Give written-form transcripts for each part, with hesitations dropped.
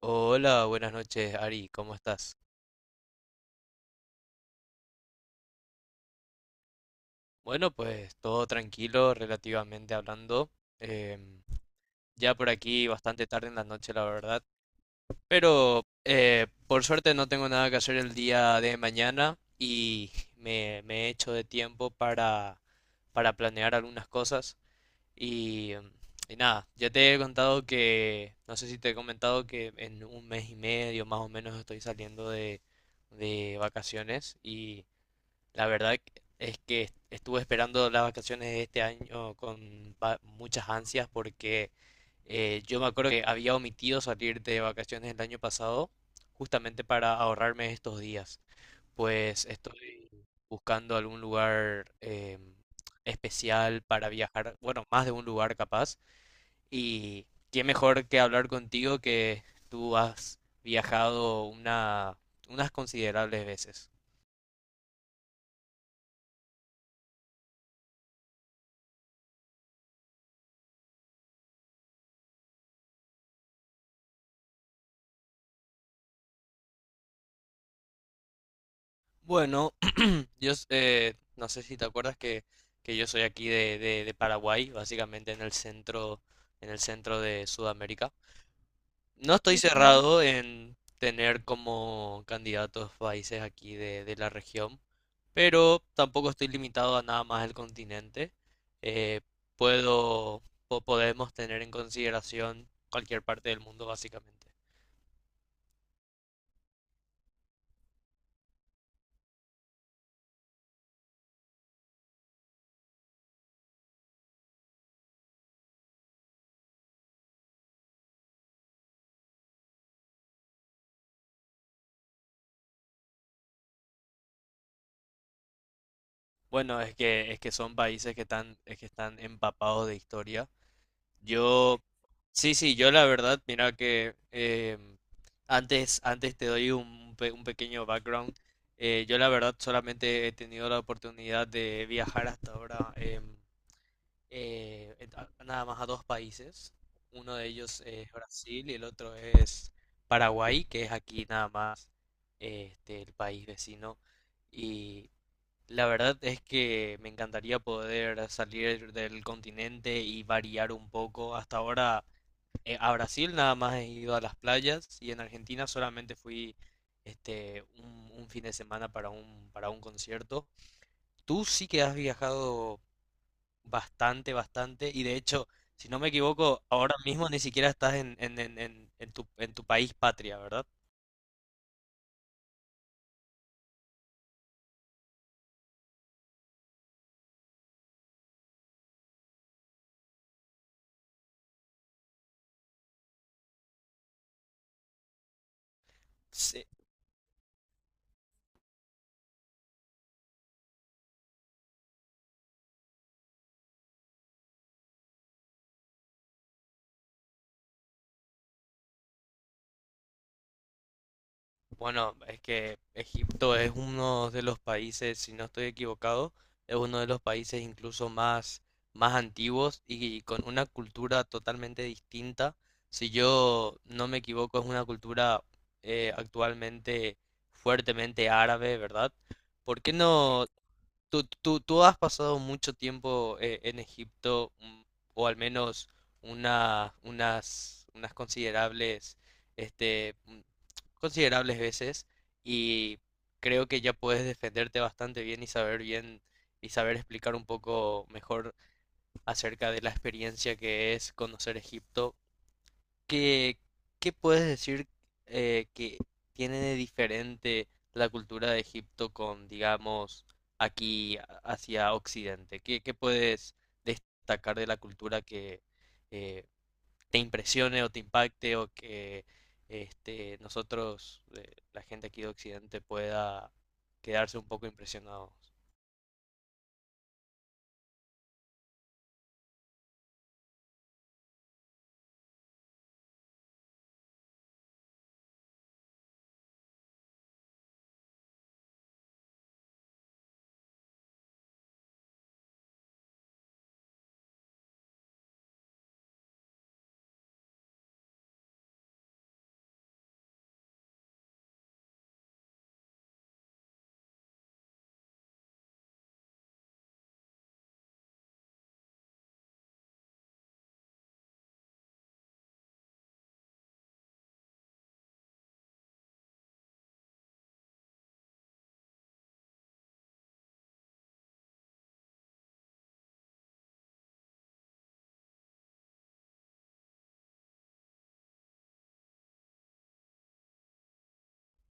Hola, buenas noches, Ari, ¿cómo estás? Bueno, pues todo tranquilo, relativamente hablando. Em, ya por aquí bastante tarde en la noche, la verdad. Pero por suerte no tengo nada que hacer el día de mañana y me he hecho de tiempo para planear algunas cosas. Y, em, y nada, ya te he contado que, no sé si te he comentado que en un mes y medio más o menos estoy saliendo de vacaciones La verdad es que estuve esperando las vacaciones de este año con muchas ansias porque yo me acuerdo que había omitido salir de vacaciones el año pasado justamente para ahorrarme estos días. Pues estoy buscando algún lugar especial para viajar, bueno, más de un lugar capaz. Y qué mejor que hablar contigo que tú has viajado unas considerables veces. Bueno, no sé si te acuerdas que yo soy aquí de, de Paraguay, básicamente en el centro de Sudamérica. No estoy, ujú, cerrado en tener como candidatos países aquí de la región, pero tampoco estoy limitado a nada más el continente. Eh, puedo, podemos tener en consideración cualquier parte del mundo, básicamente. Bueno, es que son países que están, es que están empapados de historia. Yo, sí, sí, yo la verdad, mira que antes te doy un pequeño background. Yo la verdad solamente he tenido la oportunidad de viajar hasta ahora, nada más a dos países. Uno de ellos es Brasil y el otro es Paraguay, que es aquí nada más, el país vecino. La verdad es que me encantaría poder salir del continente y variar un poco. Hasta ahora, a Brasil nada más he ido a las playas y en Argentina solamente fui un fin de semana para un concierto. Tú sí que has viajado bastante, bastante y de hecho, si no me equivoco, ahora mismo ni siquiera estás en tu país patria, ¿verdad? Sí. Bueno, es que Egipto es uno de los países, si no estoy equivocado, es uno de los países incluso más antiguos y con una cultura totalmente distinta. Si yo no me equivoco, es una cultura actualmente fuertemente árabe, ¿verdad? ¿Por qué no Tú has pasado mucho tiempo en Egipto, o al menos unas este, mm, considerables veces, y creo que ya puedes defenderte bastante bien y saber explicar un poco mejor acerca de la experiencia que es conocer Egipto. ¿Qué, qué puedes decir, que tiene de diferente la cultura de Egipto con, digamos, aquí hacia Occidente? ¿Qué puedes destacar de la cultura que eh, te impresione o te impacte, o que nosotros, la gente aquí de Occidente, pueda quedarse un poco impresionados?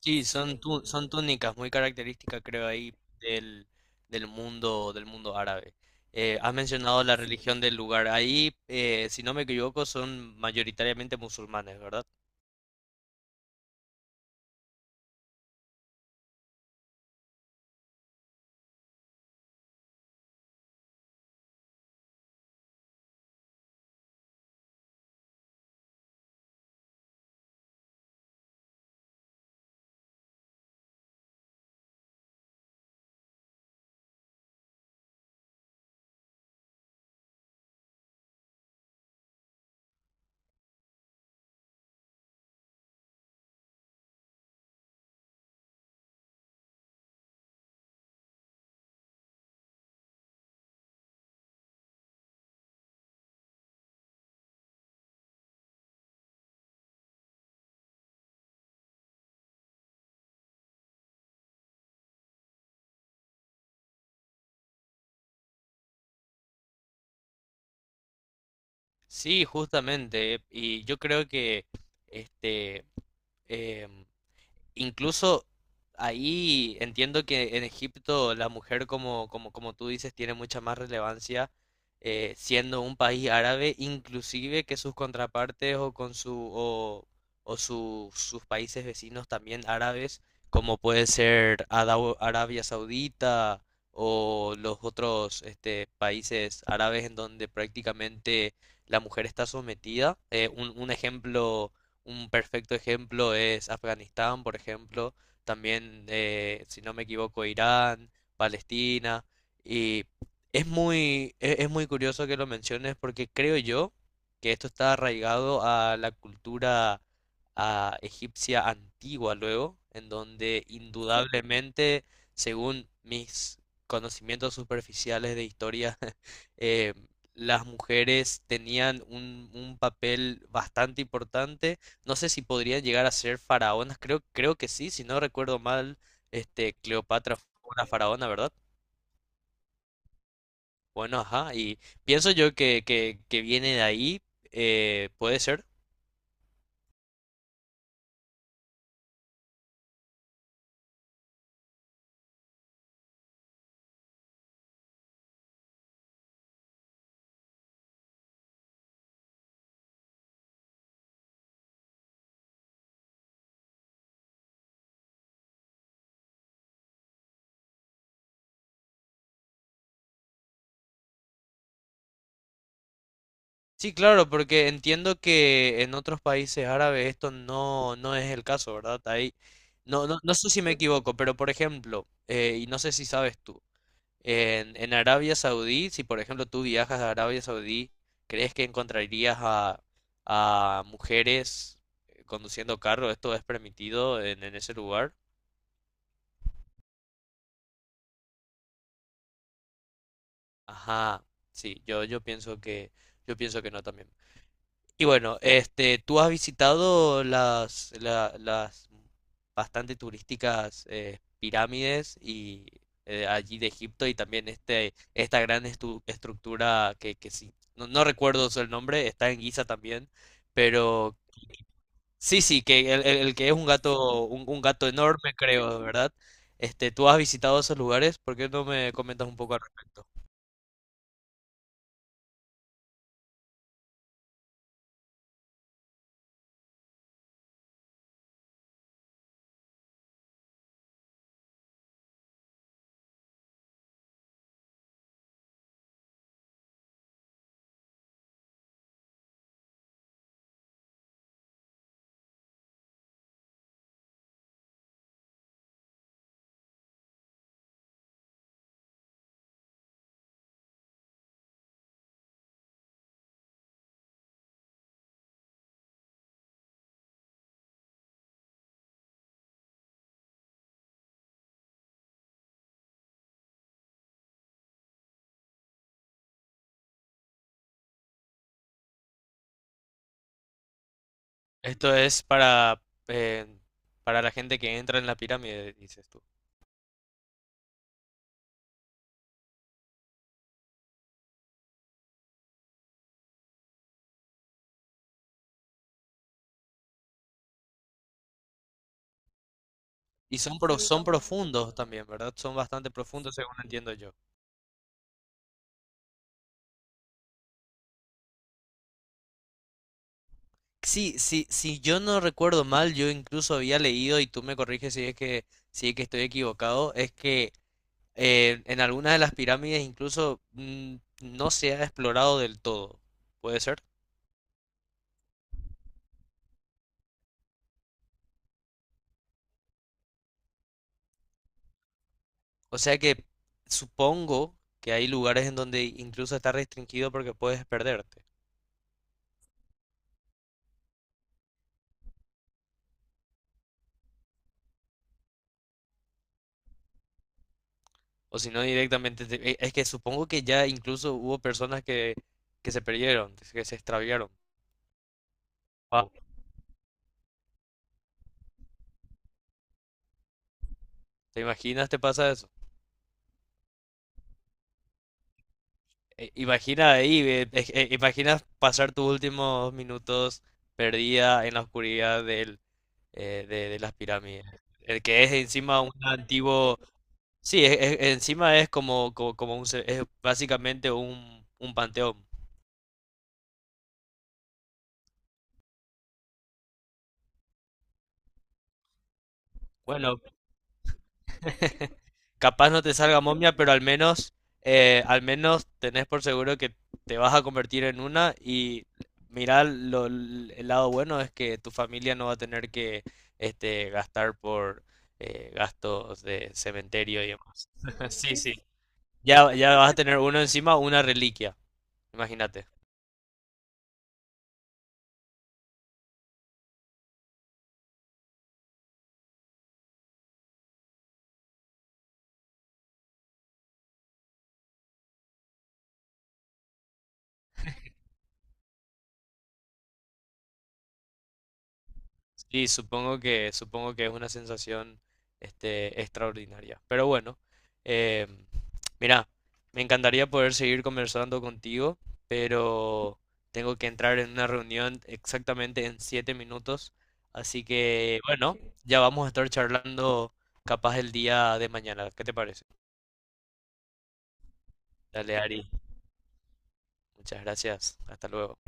Sí, son, son túnicas muy características, creo, ahí del, del mundo árabe. Has mencionado la, sí, religión del lugar. Ahí, si no me equivoco, son mayoritariamente musulmanes, ¿verdad? Sí, justamente. Y yo creo que este, em, incluso ahí entiendo que en Egipto la mujer, como tú dices, tiene mucha más relevancia, siendo un país árabe, inclusive que sus contrapartes o con su o su- sus países vecinos también árabes, como puede ser Arabia Saudita o los otros, países árabes en donde prácticamente la mujer está sometida. Un perfecto ejemplo es Afganistán; por ejemplo, también, si no me equivoco, Irán, Palestina, y es muy, es muy curioso que lo menciones, porque creo yo que esto está arraigado a la cultura a egipcia antigua luego, en donde indudablemente, según mis conocimientos superficiales de historia, eh, las mujeres tenían un papel bastante importante. No sé si podrían llegar a ser faraonas, creo, que sí. Si no recuerdo mal, Cleopatra fue una faraona, ¿verdad? Bueno, ajá, y pienso yo que, que viene de ahí, puede ser. Sí, claro, porque entiendo que en otros países árabes esto no, no es el caso, ¿verdad? Ahí, no, no, no sé si me equivoco, pero por ejemplo, y no sé si sabes tú, en Arabia Saudí, si por ejemplo tú viajas a Arabia Saudí, ¿crees que encontrarías a mujeres conduciendo carro? ¿Esto es permitido en ese lugar? Ajá, sí, yo pienso que no también. Y bueno, ¿tú has visitado las, las bastante turísticas, pirámides y, allí de Egipto, y también esta gran estructura que sí, no, no recuerdo el nombre, está en Giza también, pero sí, sí, que el, el que es un gato, un gato enorme, creo, ¿verdad? ¿Tú has visitado esos lugares? ¿Por qué no me comentas un poco al respecto? Esto es eh, para la gente que entra en la pirámide, dices tú. Y son, son profundos también, ¿verdad? Son bastante profundos, según entiendo yo. Sí, sí, si yo no recuerdo mal, yo incluso había leído, y tú me corriges si es que, si es que, estoy equivocado, es que en algunas de las pirámides incluso, no se ha explorado del todo. ¿Puede ser? O sea que supongo que hay lugares en donde incluso está restringido porque puedes perderte. O si no, directamente, es que supongo que ya incluso hubo personas que se perdieron, que se extraviaron. ¿Te imaginas te pasa eso? Imagina ahí, ve, imaginas pasar tus últimos minutos perdida en la oscuridad de las pirámides. El que es encima un antiguo... Sí, encima es como un. Es básicamente un panteón. Bueno, capaz no te salga momia, pero al menos tenés por seguro que te vas a convertir en una y mirá, el lado bueno es que tu familia no va a tener que gastar por, gastos de cementerio y demás. Sí, sí. Ya, ya vas a tener uno encima, una reliquia, imagínate. Sí, supongo que es una sensación, extraordinaria. Pero bueno, eh, mira, me encantaría poder seguir conversando contigo, pero tengo que entrar en una reunión exactamente en 7 minutos. Así que bueno, ya vamos a estar charlando capaz el día de mañana. ¿Qué te parece? Dale, Ari. Muchas gracias. Hasta luego.